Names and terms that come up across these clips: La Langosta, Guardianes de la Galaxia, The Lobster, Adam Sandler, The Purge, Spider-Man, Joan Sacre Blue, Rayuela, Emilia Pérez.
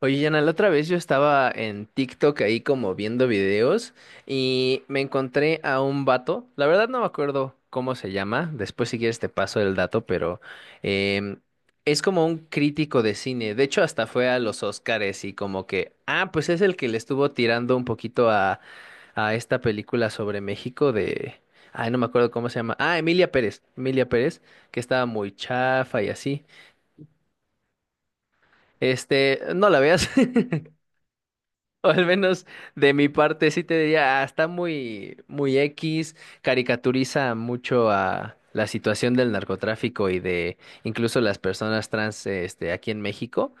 Oye, Yana, la otra vez yo estaba en TikTok ahí como viendo videos y me encontré a un vato. La verdad no me acuerdo cómo se llama. Después si quieres te paso el dato, pero em, es como un crítico de cine. De hecho, hasta fue a los Oscars y como que, ah, pues es el que le estuvo tirando un poquito a esta película sobre México de... Ay, no me acuerdo cómo se llama. Ah, Emilia Pérez. Emilia Pérez, que estaba muy chafa y así. Este, no la veas. O al menos de mi parte sí te diría, "Ah, está muy, muy X, caricaturiza mucho a la situación del narcotráfico y de incluso las personas trans, este, aquí en México.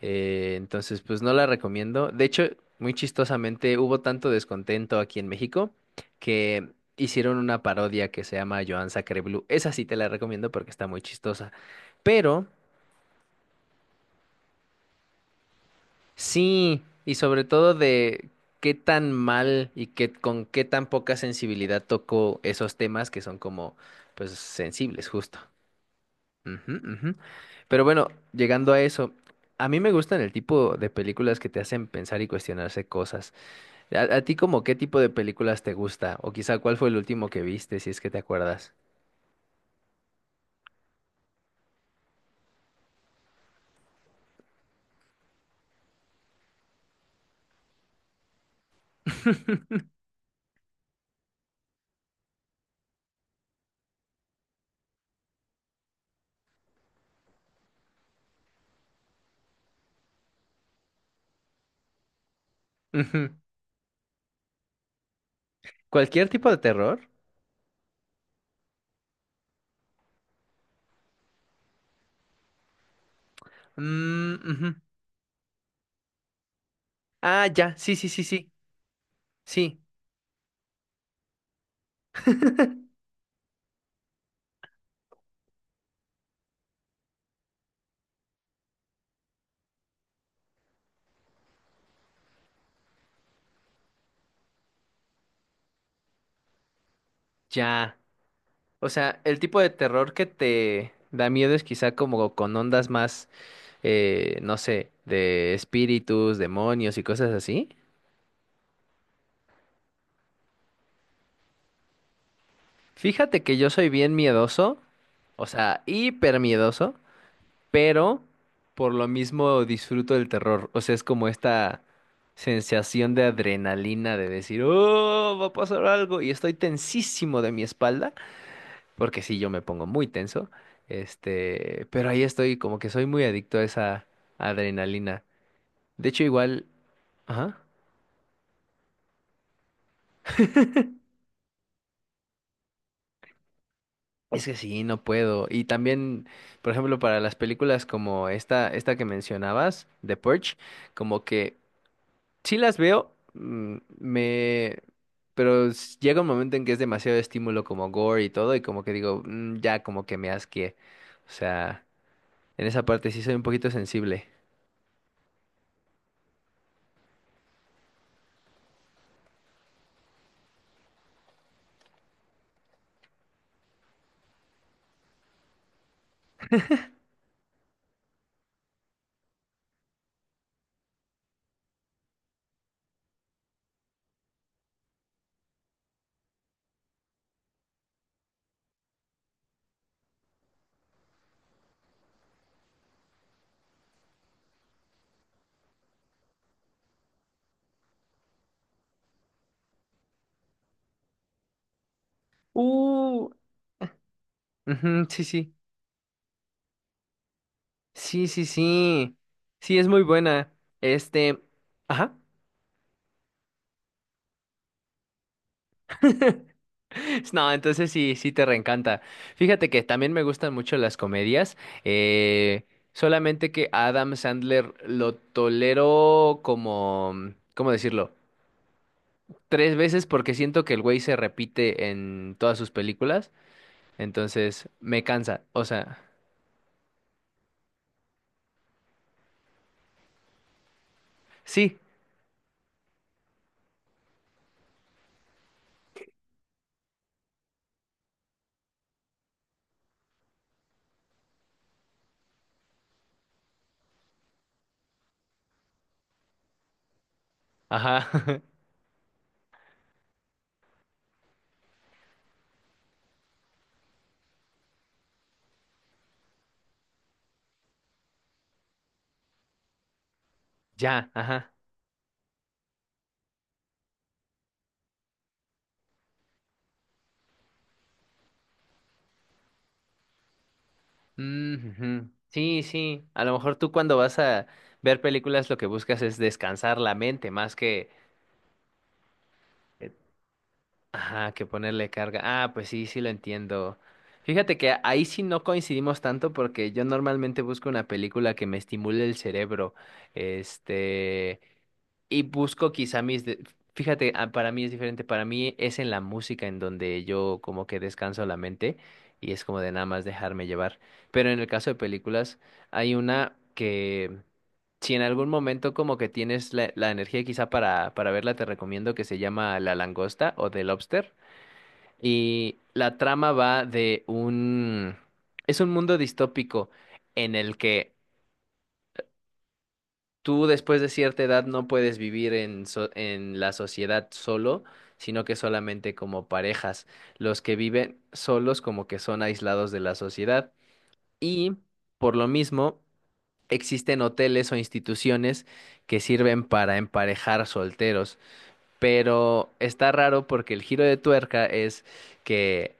Entonces, pues no la recomiendo. De hecho, muy chistosamente, hubo tanto descontento aquí en México que hicieron una parodia que se llama Joan Sacre Blue. Esa sí te la recomiendo porque está muy chistosa. Pero sí, y sobre todo de qué tan mal y qué, con qué tan poca sensibilidad tocó esos temas que son como, pues, sensibles, justo. Ujú, ujú. Pero bueno, llegando a eso, a mí me gustan el tipo de películas que te hacen pensar y cuestionarse cosas. ¿A ti como qué tipo de películas te gusta? O quizá cuál fue el último que viste, si es que te acuerdas. Ujú. ¿Cualquier tipo de terror? Mm, ujú. Ah, ya, sí, sí, sí, sí, sí. Ya. O sea, el tipo de terror que te da miedo es quizá como con ondas más, no sé, de espíritus, demonios y cosas así. Fíjate que yo soy bien miedoso, o sea, hiper miedoso, pero por lo mismo disfruto del terror. O sea, es como esta sensación de adrenalina de decir, oh, va a pasar algo y estoy tensísimo de mi espalda. Porque sí, yo me pongo muy tenso, este, pero ahí estoy, como que soy muy adicto a esa adrenalina. De hecho, igual, ajá, es que sí, no puedo. Y también, por ejemplo, para las películas como esta que mencionabas, The Purge, como que sí las veo, mm, me... Pero llega un momento en que es demasiado estímulo como gore y todo, y como que digo, "Mm, ya como que me asqué. O sea, en esa parte sí soy un poquito sensible. Uh, Ujú, sí, sí. Sí, sí, sí. Sí, es muy buena. Este, ajá. No, entonces sí, sí te reencanta. Fíjate que también me gustan mucho las comedias. eh, Solamente que Adam Sandler lo tolero como, mm, ¿cómo decirlo? Tres veces porque siento que el güey se repite en todas sus películas. Entonces me cansa. O sea, sí, ajá. Ya, ajá. Mm, ujú. Sí, sí. A lo mejor tú cuando vas a ver películas lo que buscas es descansar la mente más que, eh, ajá, que ponerle carga. Ah, pues sí, sí lo entiendo. Fíjate que ahí sí no coincidimos tanto porque yo normalmente busco una película que me estimule el cerebro. Este, y busco quizá Fíjate, ah, para mí es diferente, para mí es en la música en donde yo como que descanso la mente y es como de nada más dejarme llevar. Pero en el caso de películas, hay una que si en algún momento como que tienes la energía quizá para verla, te recomiendo que se llama La Langosta o The Lobster. Y la trama va de un... Es un mundo distópico en el que... tú después de cierta edad no puedes vivir en, en la sociedad solo, sino que solamente como parejas. Los que viven solos como que son aislados de la sociedad. Y por lo mismo, existen hoteles o instituciones que sirven para emparejar solteros. Pero está raro porque el giro de tuerca es que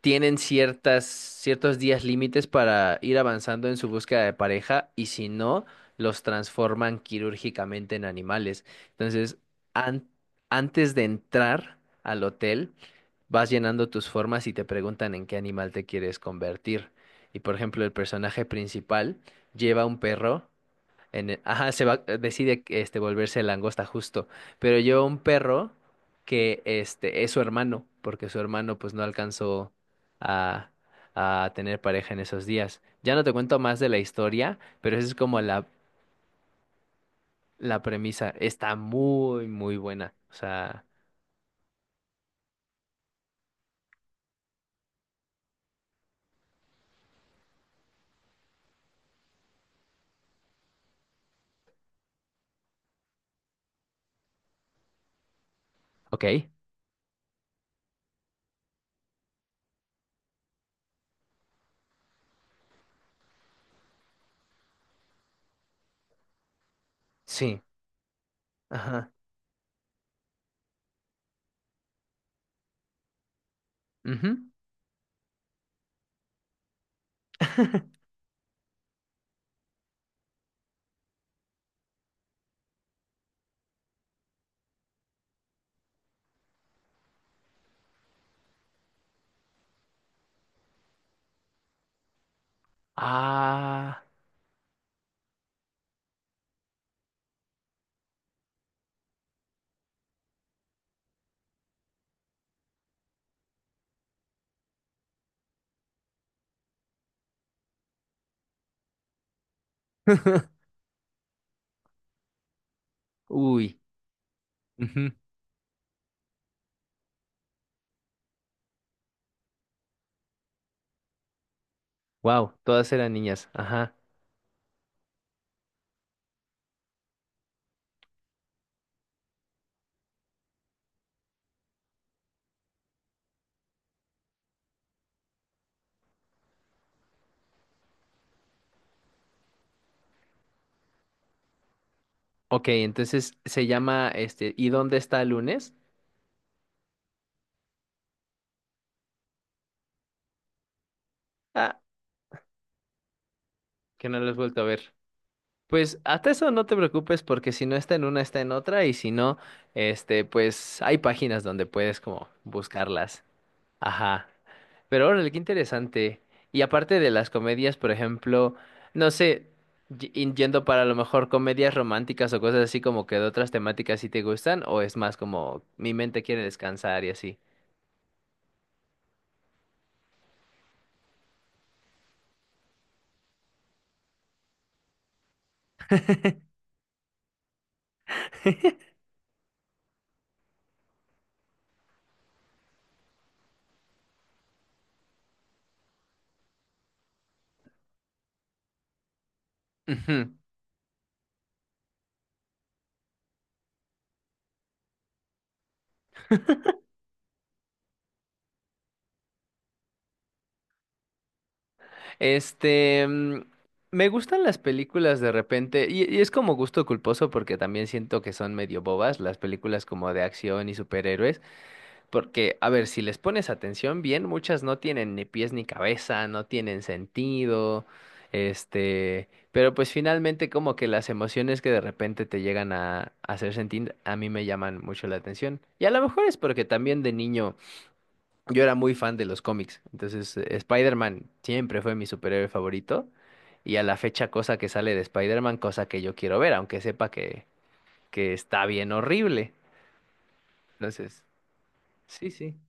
tienen ciertos días límites para ir avanzando en su búsqueda de pareja y si no, los transforman quirúrgicamente en animales. Entonces, an- antes de entrar al hotel, vas llenando tus formas y te preguntan en qué animal te quieres convertir. Y por ejemplo, el personaje principal lleva un perro ajá, se va, decide este, volverse langosta justo, pero lleva un perro que este, es su hermano, porque su hermano pues no alcanzó a, a tener pareja en esos días. Ya no te cuento más de la historia, pero esa es como la premisa. Está muy, muy buena. O sea, ok, sí, ajá. Ujú. Ah, uy, wow, todas eran niñas, ajá. Ok, entonces se llama este, ¿y dónde está el lunes? Ah, que no lo has vuelto a ver. Pues hasta eso no te preocupes porque si no está en una, está en otra y si no, este, pues hay páginas donde puedes como buscarlas. Ajá. Pero órale, qué interesante. Y aparte de las comedias, por ejemplo, no sé, y yendo para a lo mejor comedias románticas o cosas así como que de otras temáticas si te gustan o es más como mi mente quiere descansar y así. Ujú. Este, mm, me gustan las películas de repente, y es como gusto culposo porque también siento que son medio bobas las películas como de acción y superhéroes, porque, a ver, si les pones atención bien, muchas no tienen ni pies ni cabeza, no tienen sentido, este, pero pues finalmente como que las emociones que de repente te llegan a hacer sentir, a mí me llaman mucho la atención. Y a lo mejor es porque también de niño yo era muy fan de los cómics, entonces Spider-Man siempre fue mi superhéroe favorito y a la fecha cosa que sale de Spider-Man, cosa que yo quiero ver, aunque sepa que está bien horrible. Entonces, sí, sí.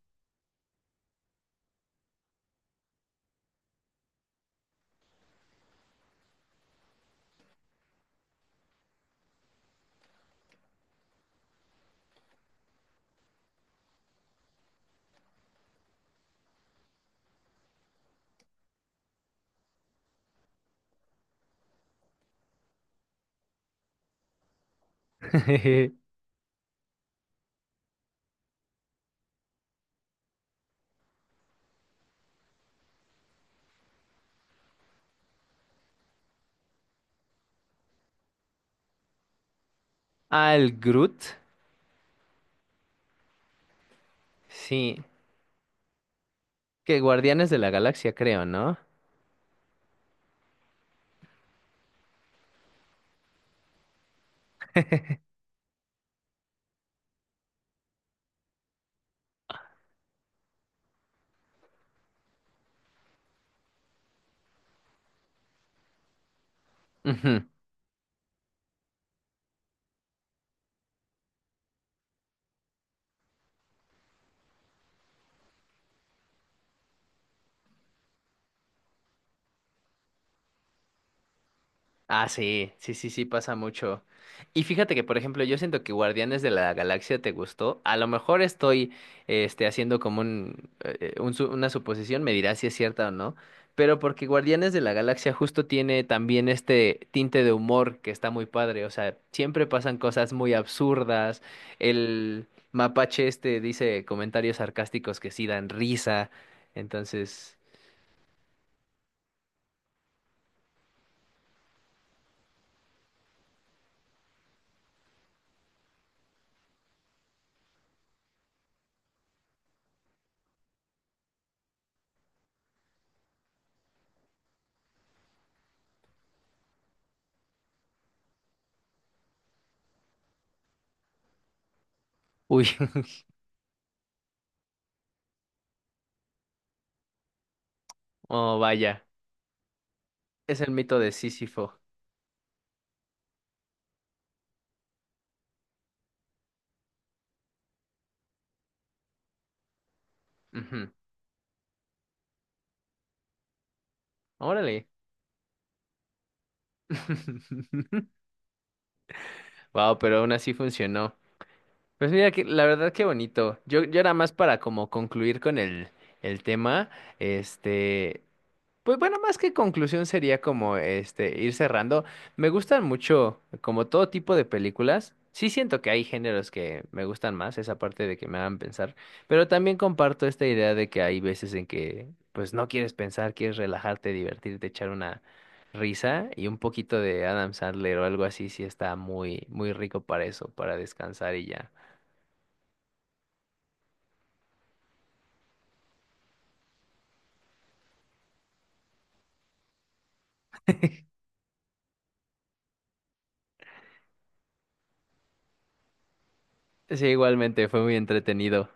Al Groot, sí, que Guardianes de la Galaxia creo, ¿no? Ujú. Ah, sí, sí, sí, sí, pasa mucho. Y fíjate que, por ejemplo, yo siento que Guardianes de la Galaxia te gustó. A lo mejor estoy, este, haciendo como un una suposición, me dirás si es cierta o no. Pero porque Guardianes de la Galaxia justo tiene también este tinte de humor que está muy padre. O sea, siempre pasan cosas muy absurdas. El mapache este dice comentarios sarcásticos que sí dan risa. Entonces, uy, oh, vaya, es el mito de Sísifo. Ujú. Órale. Wow, pero aún así funcionó. Pues mira que la verdad qué bonito. Yo era más para como concluir con el tema. Este, pues bueno, más que conclusión sería como este ir cerrando. Me gustan mucho como todo tipo de películas. Sí siento que hay géneros que me gustan más, esa parte de que me hagan pensar, pero también comparto esta idea de que hay veces en que pues no quieres pensar, quieres relajarte, divertirte, echar una risa y un poquito de Adam Sandler o algo así sí está muy muy rico para eso, para descansar y ya. Sí, igualmente fue muy entretenido.